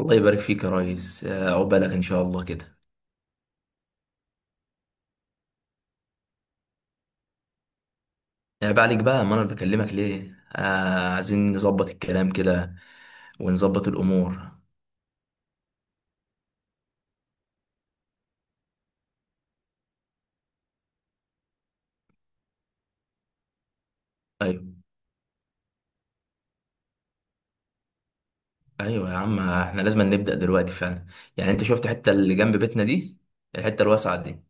الله يبارك فيك يا ريس، عقبالك ان شاء الله كده. بعدك بقى، ما انا بكلمك ليه. عايزين نظبط الكلام كده ونظبط الامور. ايوه، ايوه يا عم، احنا لازم نبدا دلوقتي فعلا. يعني انت شفت الحته اللي جنب بيتنا دي؟ الحته الواسعه دي،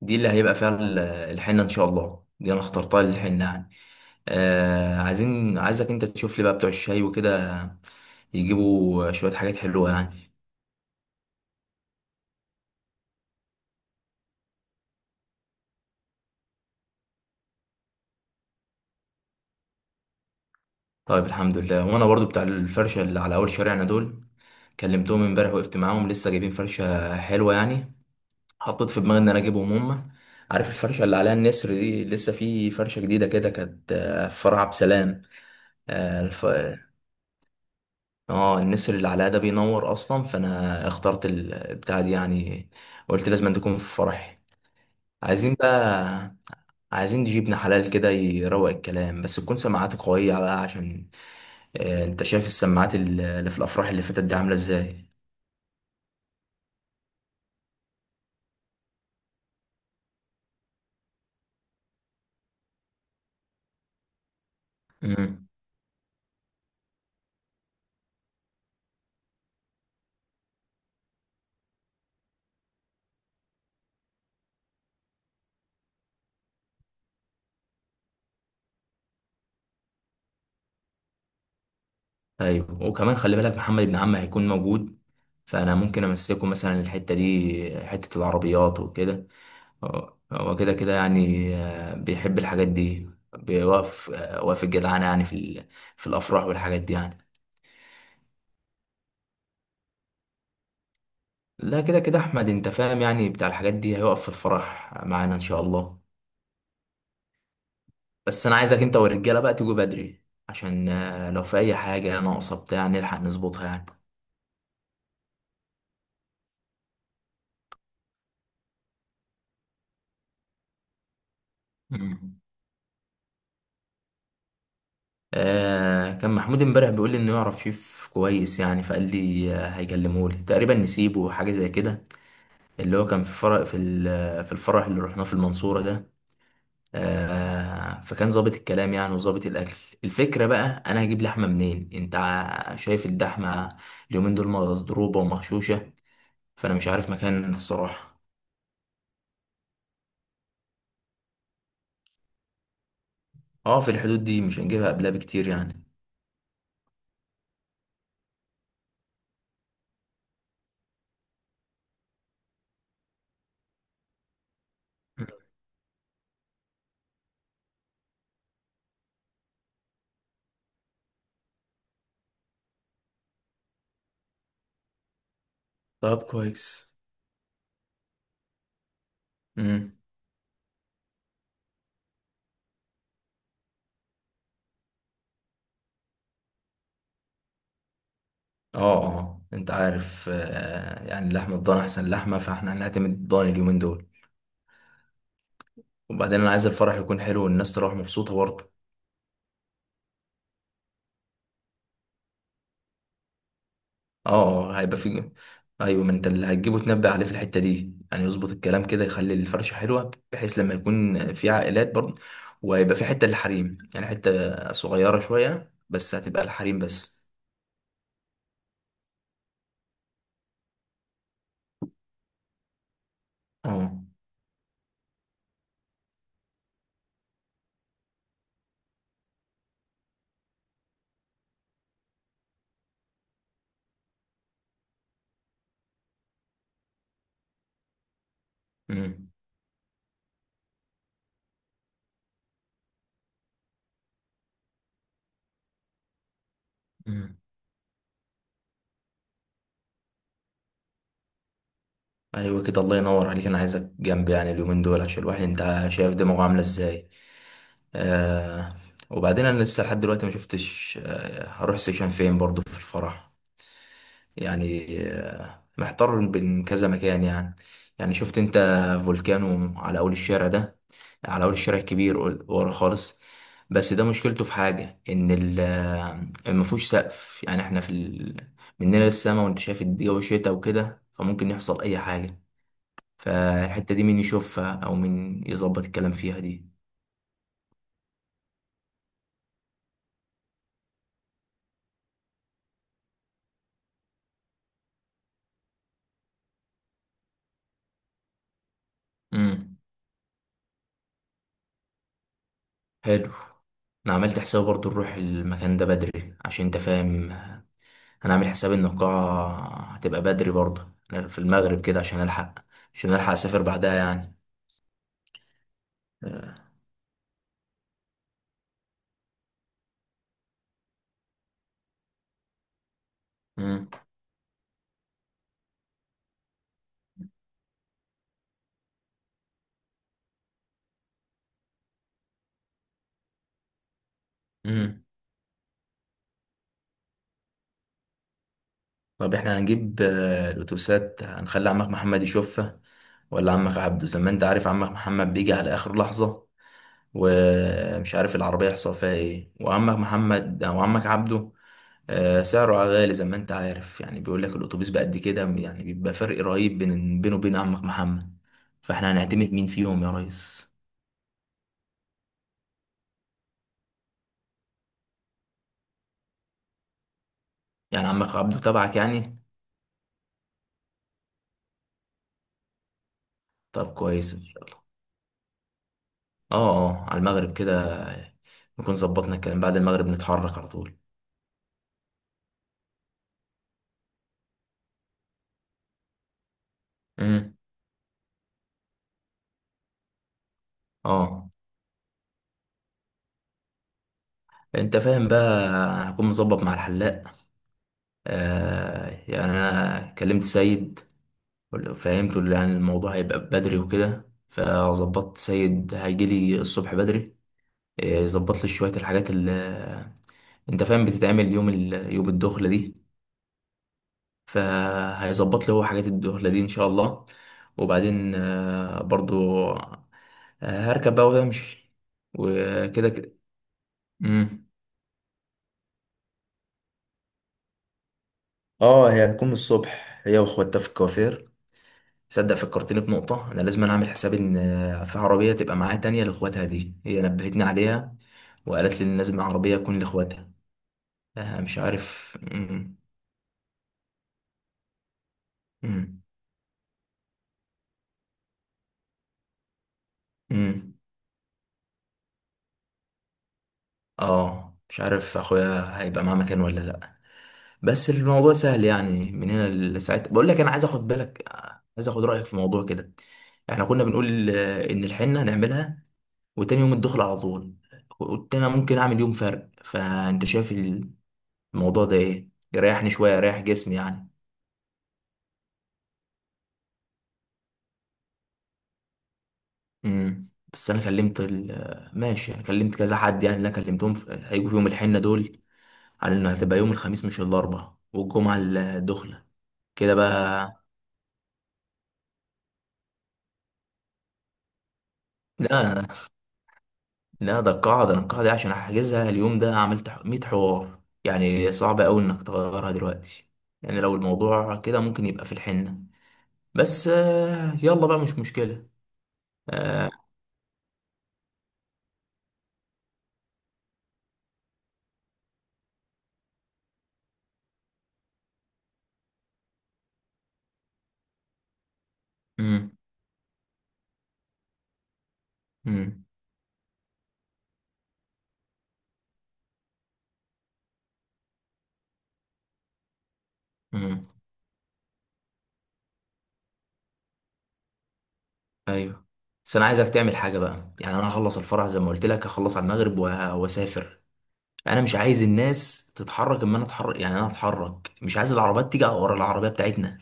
دي اللي هيبقى فيها الحنه ان شاء الله. دي انا اخترتها للحنه يعني. عايزك انت تشوف لي بقى بتوع الشاي وكده، يجيبوا شويه حاجات حلوه يعني. طيب، الحمد لله. وانا برضو بتاع الفرشه اللي على اول شارعنا دول، كلمتهم امبارح، وقفت معاهم، لسه جايبين فرشه حلوه يعني. حطيت في دماغي ان انا اجيبهم هم. عارف الفرشه اللي عليها النسر دي؟ لسه في فرشه جديده كده، كانت في فرع بسلام. اه الف- النسر اللي عليها ده بينور اصلا، فانا اخترت البتاع دي يعني. قلت لازم تكون في فرحي. عايزين بقى، عايزين نجيب ابن حلال كده يروق الكلام، بس تكون سماعاته قويه بقى، عشان انت شايف السماعات اللي في الافراح اللي فاتت دي عامله ازاي. امم. ايوه، وكمان خلي بالك محمد ابن عمي هيكون موجود، فانا ممكن امسكه مثلا الحته دي، حته العربيات وكده. هو هو كده كده يعني، بيحب الحاجات دي، بيوقف، واقف الجدعانه يعني في في الافراح والحاجات دي يعني. لا، كده كده احمد انت فاهم يعني، بتاع الحاجات دي، هيقف في الفرح معانا ان شاء الله. بس انا عايزك انت والرجاله بقى تيجوا بدري، عشان لو في اي حاجه ناقصه بتاع، نلحق نظبطها يعني. مم. آه، كان محمود امبارح بيقول لي انه يعرف شيف كويس يعني، فقال لي هيكلمه لي تقريبا، نسيبه حاجه زي كده، اللي هو كان في فرق في في الفرح اللي رحناه في المنصوره ده. آه، فكان ظابط الكلام يعني وظابط الاكل. الفكره بقى، انا هجيب لحمه منين؟ انت شايف اللحمه اليومين دول مضروبه ومغشوشه، فانا مش عارف مكان الصراحه. اه، في الحدود دي، مش هنجيبها قبلها بكتير يعني. طب كويس. اه، اه، انت عارف يعني لحمة الضان احسن لحمة، فاحنا هنعتمد الضان اليومين دول. وبعدين انا عايز الفرح يكون حلو والناس تروح مبسوطة برضه. اه، اه، هيبقى في. ايوه، ما انت اللي هتجيبه تنبه عليه في الحتة دي يعني، يظبط الكلام كده، يخلي الفرشة حلوة بحيث لما يكون في عائلات برضه. وهيبقى في حتة للحريم يعني، حتة صغيرة شوية، بس هتبقى الحريم بس. اه. امم. امم. ايوه كده، الله ينور عليك. انا عايزك جنبي يعني اليومين دول، عشان الواحد انت شايف دماغه عاملة ازاي. آه. وبعدين انا لسه لحد دلوقتي ما شفتش، آه، هروح سيشن فين برضو في الفرح، يعني آه، محتار بين كذا مكان يعني. يعني شفت انت فولكانو على اول الشارع ده، على اول الشارع الكبير، ورا خالص. بس ده مشكلته في حاجة، ان ما فيهوش سقف يعني، احنا في ال... مننا للسما، وانت شايف الجو شتا وكده، فممكن يحصل اي حاجة. فالحتة دي مين يشوفها او مين يظبط الكلام فيها دي؟ مم. حلو. انا عملت حساب برضو نروح المكان ده بدري، عشان انت فاهم، انا عامل حساب ان القاعة هتبقى بدري برضو. أنا في المغرب كده عشان الحق، عشان الحق اسافر بعدها يعني. امم. امم طب احنا هنجيب الاتوبيسات، هنخلي عمك محمد يشوفها ولا عمك عبده؟ زي ما انت عارف، عمك محمد بيجي على اخر لحظة، ومش عارف العربية يحصل فيها ايه. وعمك محمد او عمك عبده سعره غالي زي ما انت عارف يعني، بيقول لك الاتوبيس بقد كده يعني، بيبقى فرق رهيب بين، بينه وبين عمك محمد. فاحنا هنعتمد مين فيهم يا ريس؟ يعني عمك عبده تبعك يعني. طب كويس ان شاء الله. اه، اه، على المغرب كده نكون ظبطنا الكلام، بعد المغرب نتحرك على طول. امم. اه، انت فاهم بقى، هكون مظبط مع الحلاق. آه، يعني انا كلمت سيد، فهمته اللي يعني الموضوع هيبقى بدري وكده، فظبطت سيد هيجيلي الصبح بدري، ظبط لي شويه الحاجات اللي، انت فاهم، بتتعمل يوم ال... يوم الدخله دي. فهيظبط لي هو حاجات الدخله دي ان شاء الله. وبعدين آه، برضو آه، هركب بقى وامشي، وكده كده. مم. اه هي هتكون من الصبح هي واخواتها في الكوافير. صدق، فكرتني بنقطة. أنا لازم أعمل حساب إن في عربية تبقى معايا تانية لإخواتها دي، هي نبهتني عليها، وقالت لي إن لازم عربية تكون لإخواتها. مش عارف. مم. مم. مم. اه، مش عارف اخويا هيبقى معاه مكان ولا لا. بس الموضوع سهل يعني، من هنا لساعتها. بقول لك انا عايز اخد بالك، عايز اخد رايك في موضوع كده. احنا كنا بنقول ان الحنه هنعملها، وتاني يوم الدخل على طول. قلت انا ممكن اعمل يوم فرق، فانت شايف الموضوع ده ايه؟ يريحني شويه، يريح جسمي يعني. امم. بس انا كلمت ماشي، انا كلمت كذا حد يعني، اللي انا كلمتهم هيجوا في يوم الحنه دول، على انه هتبقى يوم الخميس، مش الاربعاء والجمعه الدخله، كده بقى. لا، لا، ده القاعدة، أنا القاعدة دي عشان أحجزها اليوم ده عملت 100 حوار يعني، صعب أوي إنك تغيرها دلوقتي. يعني لو الموضوع كده، ممكن يبقى في الحنة. بس يلا بقى، مش مشكلة. آه. مم. مم. مم. أيوه. بس أنا عايزك تعمل حاجة بقى يعني، أنا هخلص الفرح زي ما قلت لك، هخلص على المغرب وأسافر. انا مش عايز الناس تتحرك اما انا اتحرك، يعني انا اتحرك، مش عايز العربيات تيجي ورا العربيه بتاعتنا،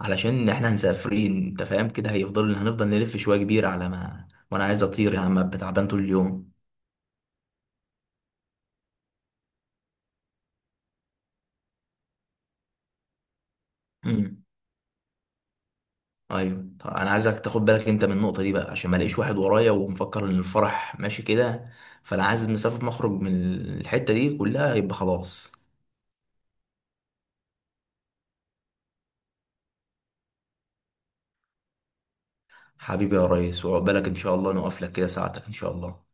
علشان احنا هنسافرين انت فاهم كده، هيفضل، هنفضل نلف شويه كبيره، على ما، وانا عايز اطير يا عم، أبقى تعبان طول اليوم. امم. ايوه. طب انا عايزك تاخد بالك انت من النقطه دي بقى، عشان ما الاقيش واحد ورايا ومفكر ان الفرح ماشي كده. فانا عايز مسافه، مخرج من الحته دي كلها، يبقى خلاص. حبيبي يا ريس، وعقبالك ان شاء الله، نوقف لك كده ساعتك ان شاء الله.